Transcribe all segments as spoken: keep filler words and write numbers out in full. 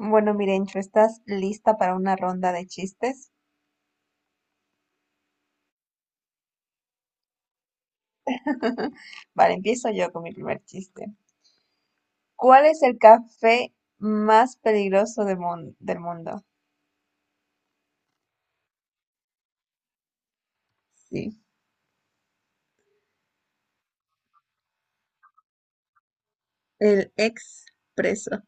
Bueno, Mirencho, ¿estás lista para una ronda de chistes? Vale, empiezo yo con mi primer chiste. ¿Cuál es el café más peligroso de mun- del mundo? Sí, el expreso.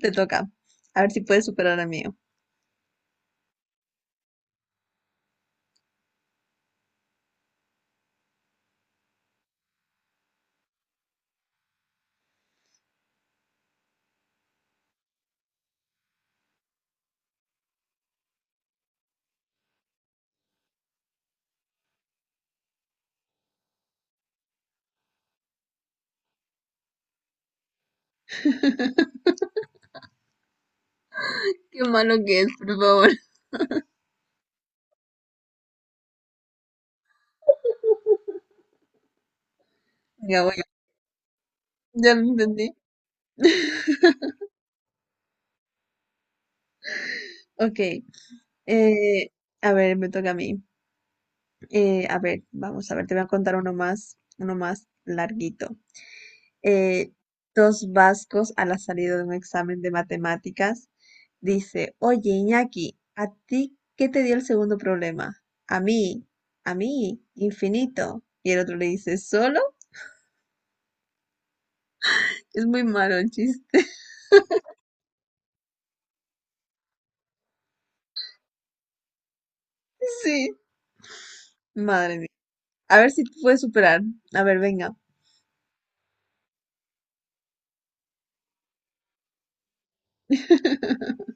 Te toca. A ver si puedes superar al mío. Qué malo que es, por favor. Venga, voy. Ya lo entendí. Ok. eh, a ver, me toca a mí. Eh, a ver, vamos a ver, te voy a contar uno más, uno más larguito. eh, Dos vascos a la salida de un examen de matemáticas, dice, oye, Iñaki, ¿a ti qué te dio el segundo problema? A mí, a mí, infinito. Y el otro le dice, ¿solo? Es muy malo el chiste. Sí, madre mía. A ver si te puedes superar. A ver, venga.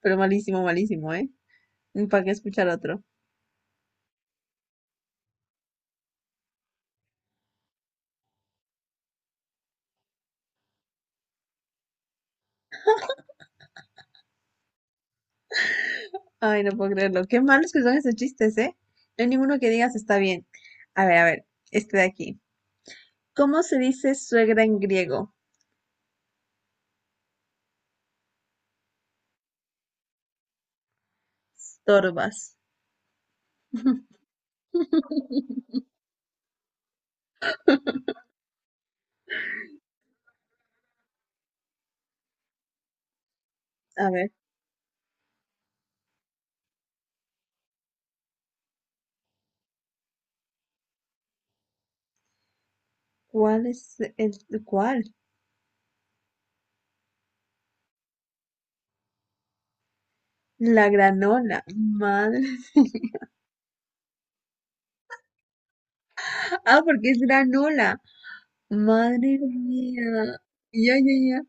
Pero malísimo, malísimo, ¿eh? ¿Para qué escuchar otro? Ay, no puedo creerlo. Qué malos que son esos chistes, ¿eh? No hay ninguno que digas está bien. A ver, a ver, este de aquí. ¿Cómo se dice suegra en griego? Storbas. A ver, ¿cuál es el cuál? La granola. Madre. Ah, porque es granola. Madre mía. Ya, ya, ya.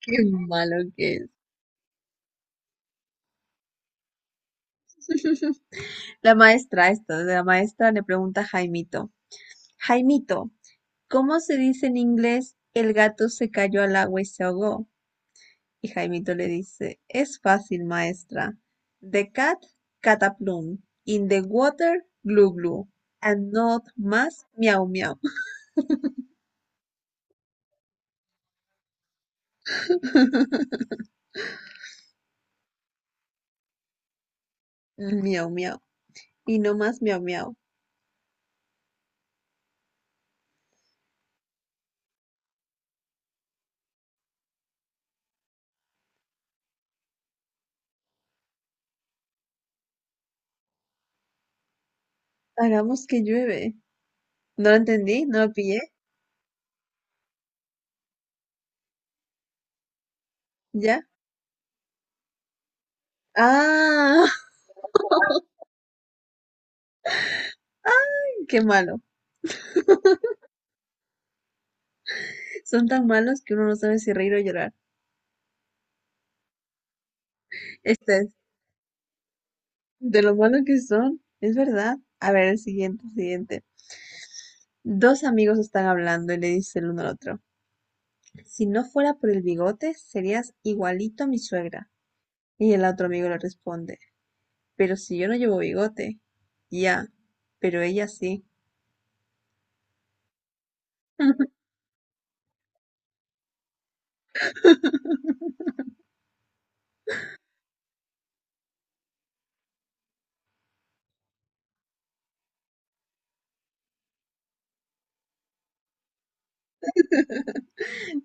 Qué malo que es. La maestra, esto, la maestra le pregunta a Jaimito. Jaimito, ¿cómo se dice en inglés el gato se cayó al agua y se ahogó? Y Jaimito le dice, es fácil, maestra. The cat cataplum, in the water glu glu, and not más miau miau. Miau miau, y no más miau miau. Hagamos que llueve. No lo entendí, no lo pillé, ya. Ah, qué malo. Son tan malos que uno no sabe si reír o llorar. Este es de lo malos que son, es verdad. A ver, el siguiente, el siguiente. Dos amigos están hablando y le dice el uno al otro. Si no fuera por el bigote, serías igualito a mi suegra. Y el otro amigo le responde, pero si yo no llevo bigote. Ya, pero ella sí.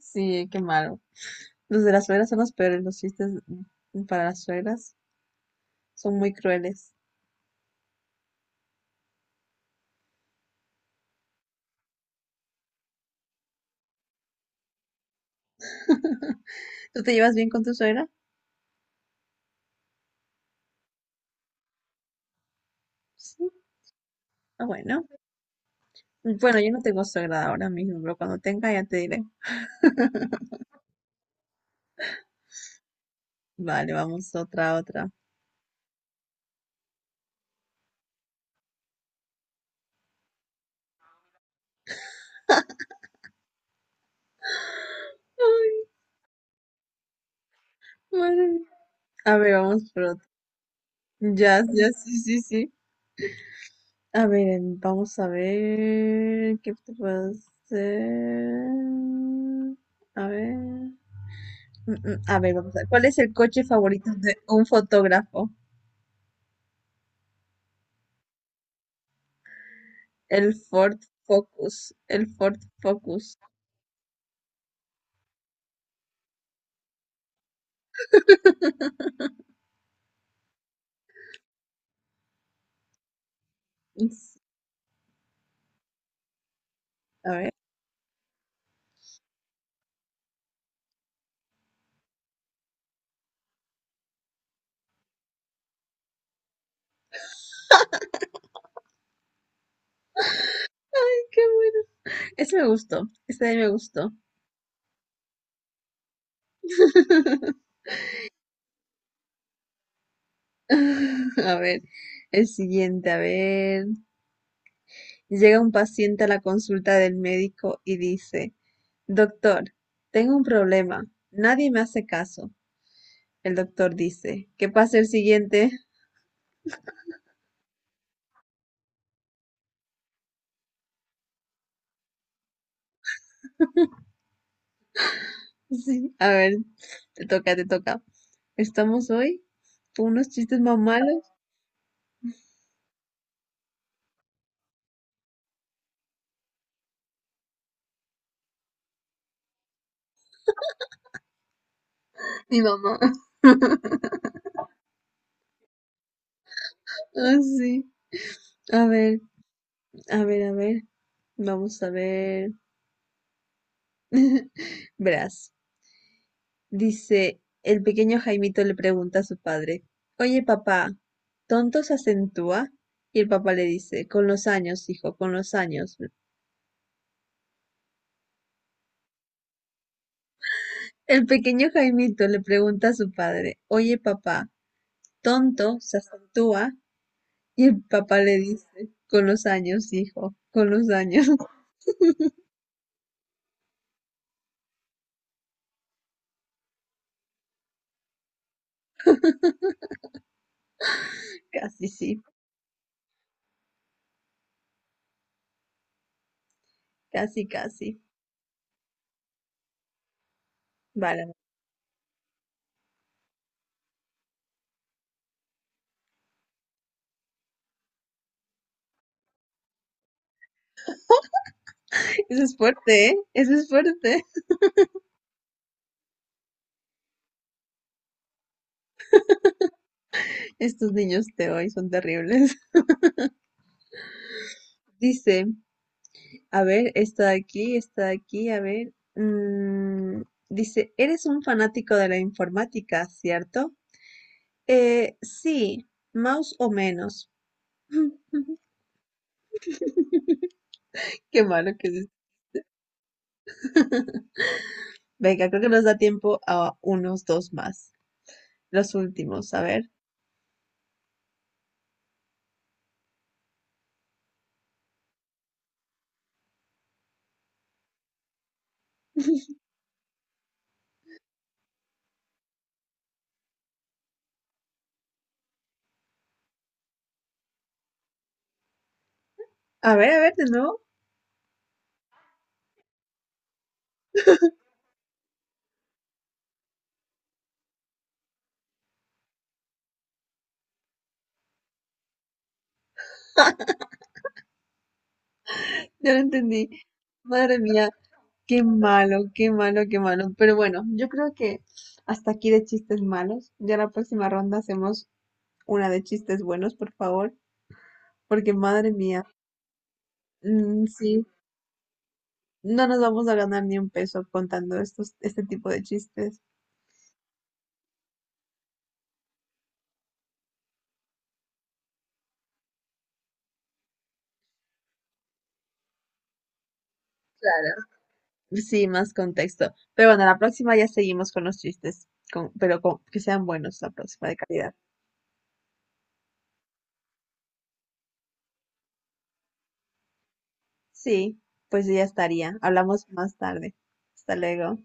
Sí, qué malo. Los de las suegras son los peores, los chistes para las suegras son muy crueles. ¿Tú te llevas bien con tu suegra? Sí. Ah, bueno. Bueno, yo no tengo suegra ahora mismo, pero cuando tenga ya te diré. Vale, vamos otra, otra. Ay, madre mía. A ver, vamos por otra. Ya, ya, sí, sí, sí. A ver, em, vamos a ver qué te puedo hacer. A ver. Mm, mm, A ver, vamos a ver. ¿Cuál es el coche favorito de un fotógrafo? El Ford Focus. El Ford Focus. Es- A ver, qué bueno. Ese me gustó. Ese de ahí me gustó. A ver, el siguiente, a ver. Llega un paciente a la consulta del médico y dice, doctor, tengo un problema. Nadie me hace caso. El doctor dice, ¿qué pasa el siguiente? Sí, a ver, te toca, te toca. Estamos hoy con unos chistes más malos. Mi mamá. Ah, sí. A ver, a ver, a ver. Vamos a ver. Verás. Dice, el pequeño Jaimito le pregunta a su padre, oye, papá, ¿tonto se acentúa? Y el papá le dice, con los años, hijo, con los años. El pequeño Jaimito le pregunta a su padre, oye, papá, ¿tonto se acentúa? Y el papá le dice, con los años, hijo, con los años. Casi sí, casi, casi. Vale. Eso es fuerte, ¿eh? Eso es fuerte. Estos niños de hoy son terribles. Dice, a ver, está aquí, está aquí, a ver. Mm, dice, eres un fanático de la informática, ¿cierto? Eh, sí, más o menos. Qué malo que es. Venga, creo que nos da tiempo a unos dos más. Los últimos, a ver. A ver, a ver, de nuevo. Ya lo entendí. Madre mía, qué malo, qué malo, qué malo. Pero bueno, yo creo que hasta aquí de chistes malos. Ya la próxima ronda hacemos una de chistes buenos, por favor. Porque madre mía, mm, sí, no nos vamos a ganar ni un peso contando estos, este tipo de chistes. Claro. Sí, más contexto. Pero bueno, la próxima ya seguimos con los chistes, con- pero con- que sean buenos la próxima de calidad. Sí, pues ya estaría. Hablamos más tarde. Hasta luego.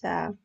Chao.